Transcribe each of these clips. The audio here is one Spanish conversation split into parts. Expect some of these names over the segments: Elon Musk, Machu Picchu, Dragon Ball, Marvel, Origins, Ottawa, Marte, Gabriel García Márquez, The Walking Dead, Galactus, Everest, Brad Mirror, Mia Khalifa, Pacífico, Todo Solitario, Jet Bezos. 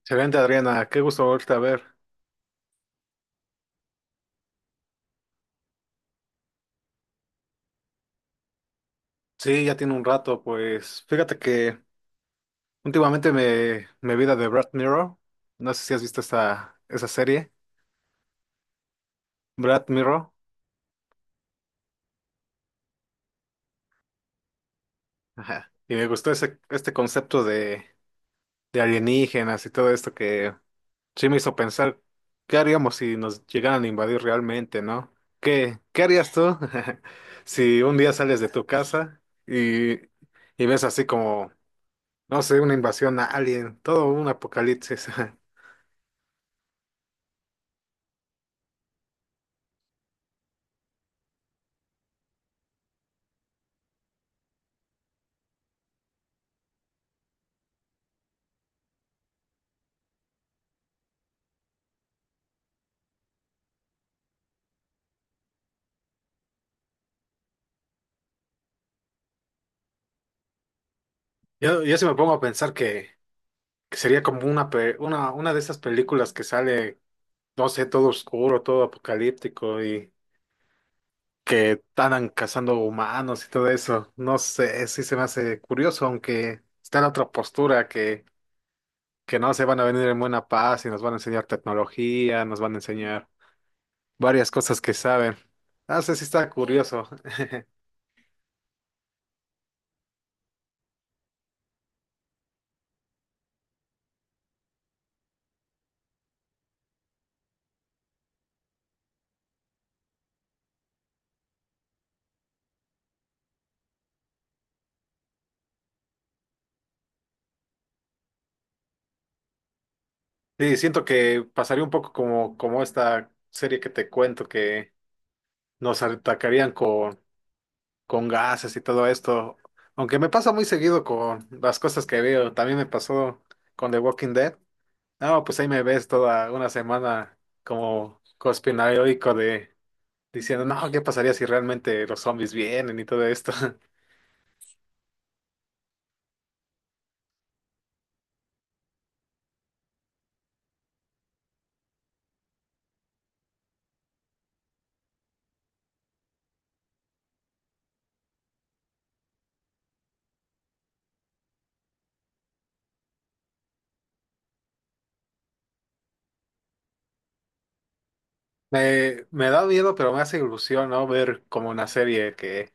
Excelente, Adriana. Qué gusto volverte a ver. Sí, ya tiene un rato, pues. Fíjate que últimamente me vi la de Brad Mirror. No sé si has visto esa serie, Brad Mirror. Ajá. Y me gustó este concepto de alienígenas y todo esto que sí me hizo pensar, ¿qué haríamos si nos llegaran a invadir realmente, no? Qué harías tú si un día sales de tu casa y, y ves así como, no sé, una invasión a alien, ¿todo un apocalipsis? Yo sí me pongo a pensar que sería como una de esas películas que sale, no sé, todo oscuro, todo apocalíptico y que andan cazando humanos y todo eso. No sé, sí se me hace curioso, aunque está la otra postura que no se van a venir en buena paz y nos van a enseñar tecnología, nos van a enseñar varias cosas que saben. No sé si está curioso. Sí, siento que pasaría un poco como, como esta serie que te cuento que nos atacarían con gases y todo esto. Aunque me pasa muy seguido con las cosas que veo. También me pasó con The Walking Dead. No, pues ahí me ves toda una semana como conspiranoico de diciendo, no, ¿qué pasaría si realmente los zombies vienen y todo esto? Me da miedo, pero me hace ilusión, ¿no? Ver como una serie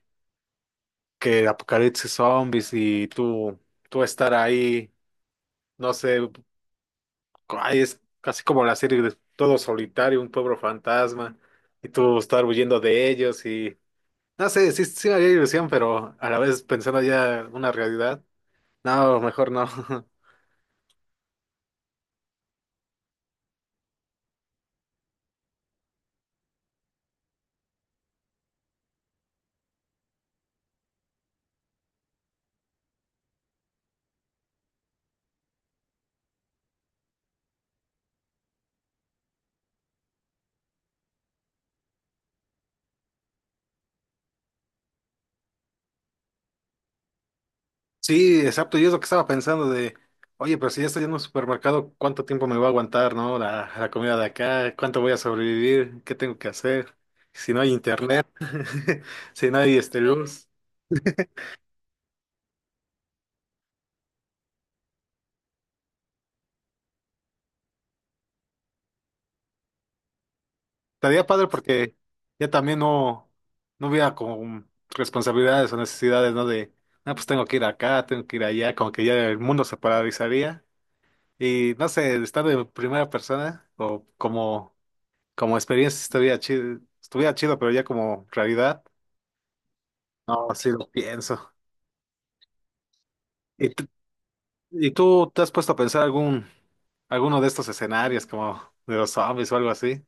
que apocalipsis zombies y tú estar ahí, no sé. Ay, es casi como la serie de Todo Solitario, un pueblo fantasma, y tú estar huyendo de ellos y... No sé, sí, sí me haría ilusión, pero a la vez pensando ya en una realidad. No, mejor no. Sí, exacto, yo es lo que estaba pensando de, oye, pero si ya estoy en un supermercado, ¿cuánto tiempo me va a aguantar, no? La comida de acá, ¿cuánto voy a sobrevivir? ¿Qué tengo que hacer? Si no hay internet, si no hay este, luz. Estaría padre porque ya también no hubiera con responsabilidades o necesidades, ¿no? De, ah, pues tengo que ir acá, tengo que ir allá, como que ya el mundo se paralizaría. Y no sé, estar en primera persona o como, como experiencia estaría chido, estuviera chido, pero ya como realidad, no, sí lo pienso. ¿Y, tú- y tú te has puesto a pensar alguno de estos escenarios, como de los zombies o algo así?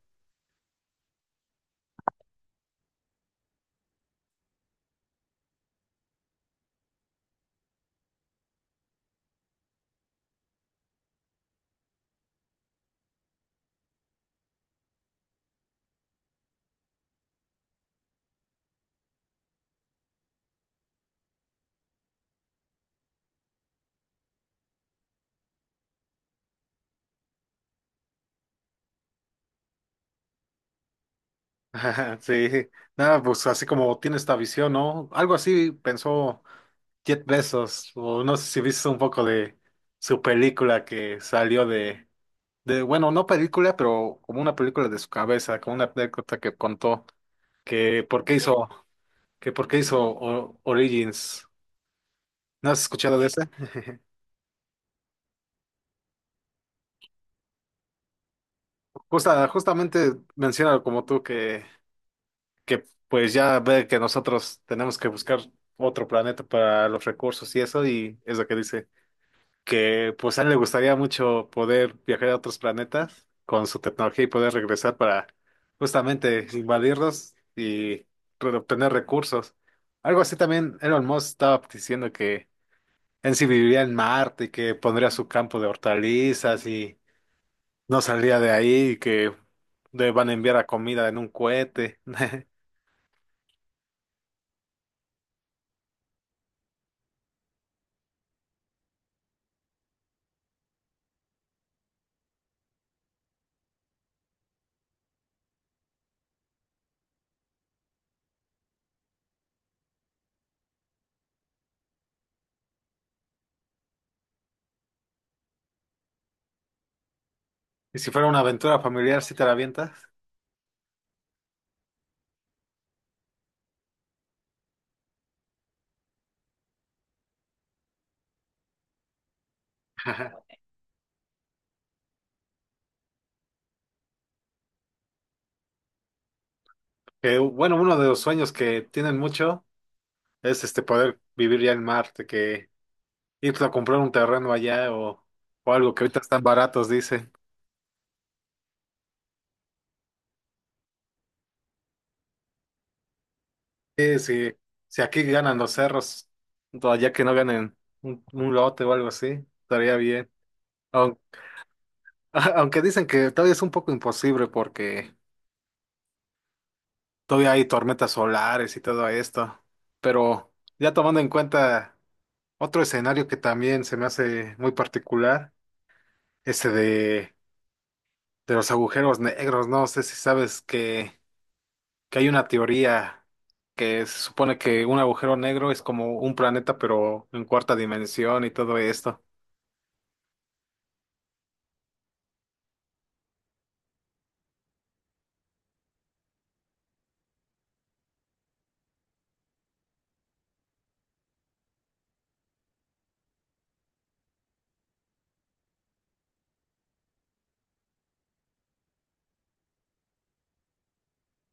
Sí, nada, pues así como tiene esta visión, ¿no? Algo así pensó. Jet Bezos, o no sé si viste un poco de su película que salió de, bueno, no película, pero como una película de su cabeza, como una anécdota que contó, que por qué hizo, que por qué hizo O- Origins. ¿No has escuchado de ese? Justamente menciona como tú que pues ya ve que nosotros tenemos que buscar otro planeta para los recursos y eso, y es lo que dice. Que pues a él le gustaría mucho poder viajar a otros planetas con su tecnología y poder regresar para justamente invadirlos y re- obtener recursos. Algo así también Elon Musk estaba diciendo que él sí viviría en Marte y que pondría su campo de hortalizas y no saldría de ahí y que le van a enviar a comida en un cohete. Y si fuera una aventura familiar, ¿sí te la avientas? Que, bueno, uno de los sueños que tienen mucho es este poder vivir ya en Marte, que ir a comprar un terreno allá o algo que ahorita están baratos, dicen. Sí, sí, si aquí ganan los cerros, pues, allá que no ganen un lote o algo así, estaría bien. Aun- Aunque, dicen que todavía es un poco imposible porque todavía hay tormentas solares y todo esto. Pero ya tomando en cuenta otro escenario que también se me hace muy particular, ese de los agujeros negros, no sé si sabes que hay una teoría que se supone que un agujero negro es como un planeta, pero en cuarta dimensión y todo esto.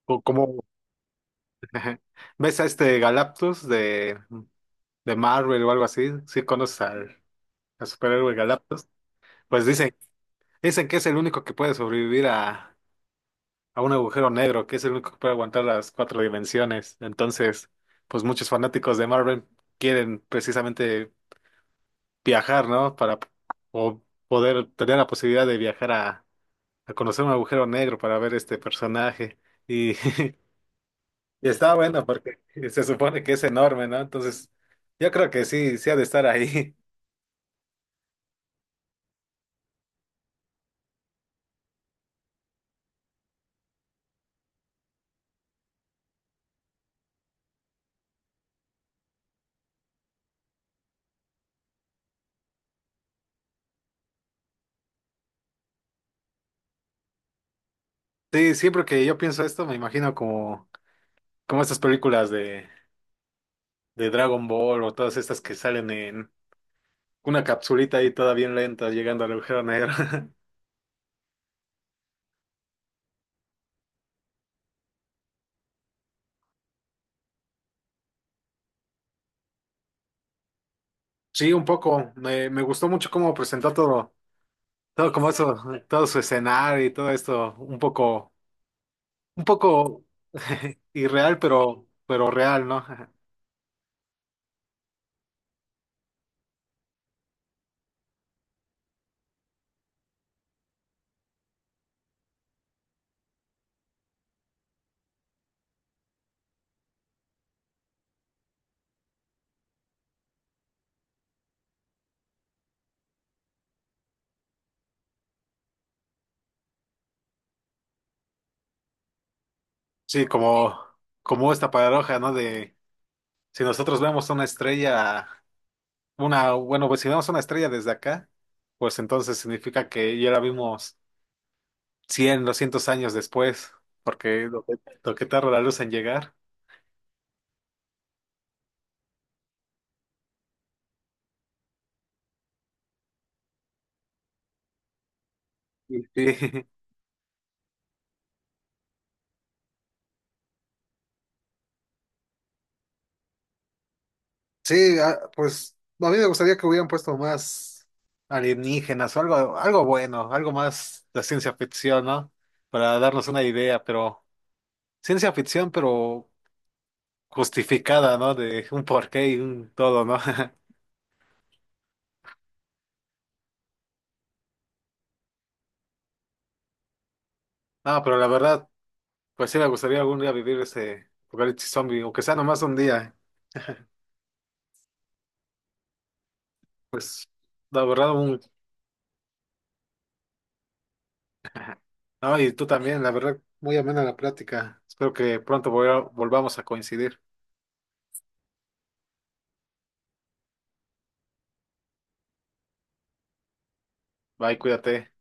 O como ves a este Galactus de Marvel o algo así, si conoces al, al superhéroe Galactus, pues dicen que es el único que puede sobrevivir a un agujero negro, que es el único que puede aguantar las cuatro dimensiones. Entonces, pues muchos fanáticos de Marvel quieren precisamente viajar, ¿no? Para o poder tener la posibilidad de viajar a conocer un agujero negro para ver este personaje. Y, y está bueno porque se supone que es enorme, ¿no? Entonces, yo creo que sí, sí ha de estar ahí. Sí, siempre que yo pienso esto, me imagino como, como estas películas de Dragon Ball o todas estas que salen en una capsulita ahí toda bien lenta llegando al agujero negro. Sí, un poco. Me gustó mucho cómo presentó todo, todo como eso, todo su escenario y todo esto, un poco irreal, pero real, ¿no? Sí, como, como esta paradoja, ¿no? De si nosotros vemos una estrella, una, bueno, pues si vemos una estrella desde acá, pues entonces significa que ya la vimos 100, 200 años después, porque lo que tarda la luz en llegar. Sí, sí. Sí, ah, pues a mí me gustaría que hubieran puesto más alienígenas o algo, algo bueno, algo más de ciencia ficción, ¿no? Para darnos una idea, pero ciencia ficción, pero justificada, ¿no? De un porqué y un todo, ¿no? No, pero la verdad, pues sí me gustaría algún día vivir ese apocalipsis zombie, aunque sea nomás un día. Pues la verdad, un... No, y tú también, la verdad, muy amena la plática. Espero que pronto volvamos a coincidir. Bye, cuídate.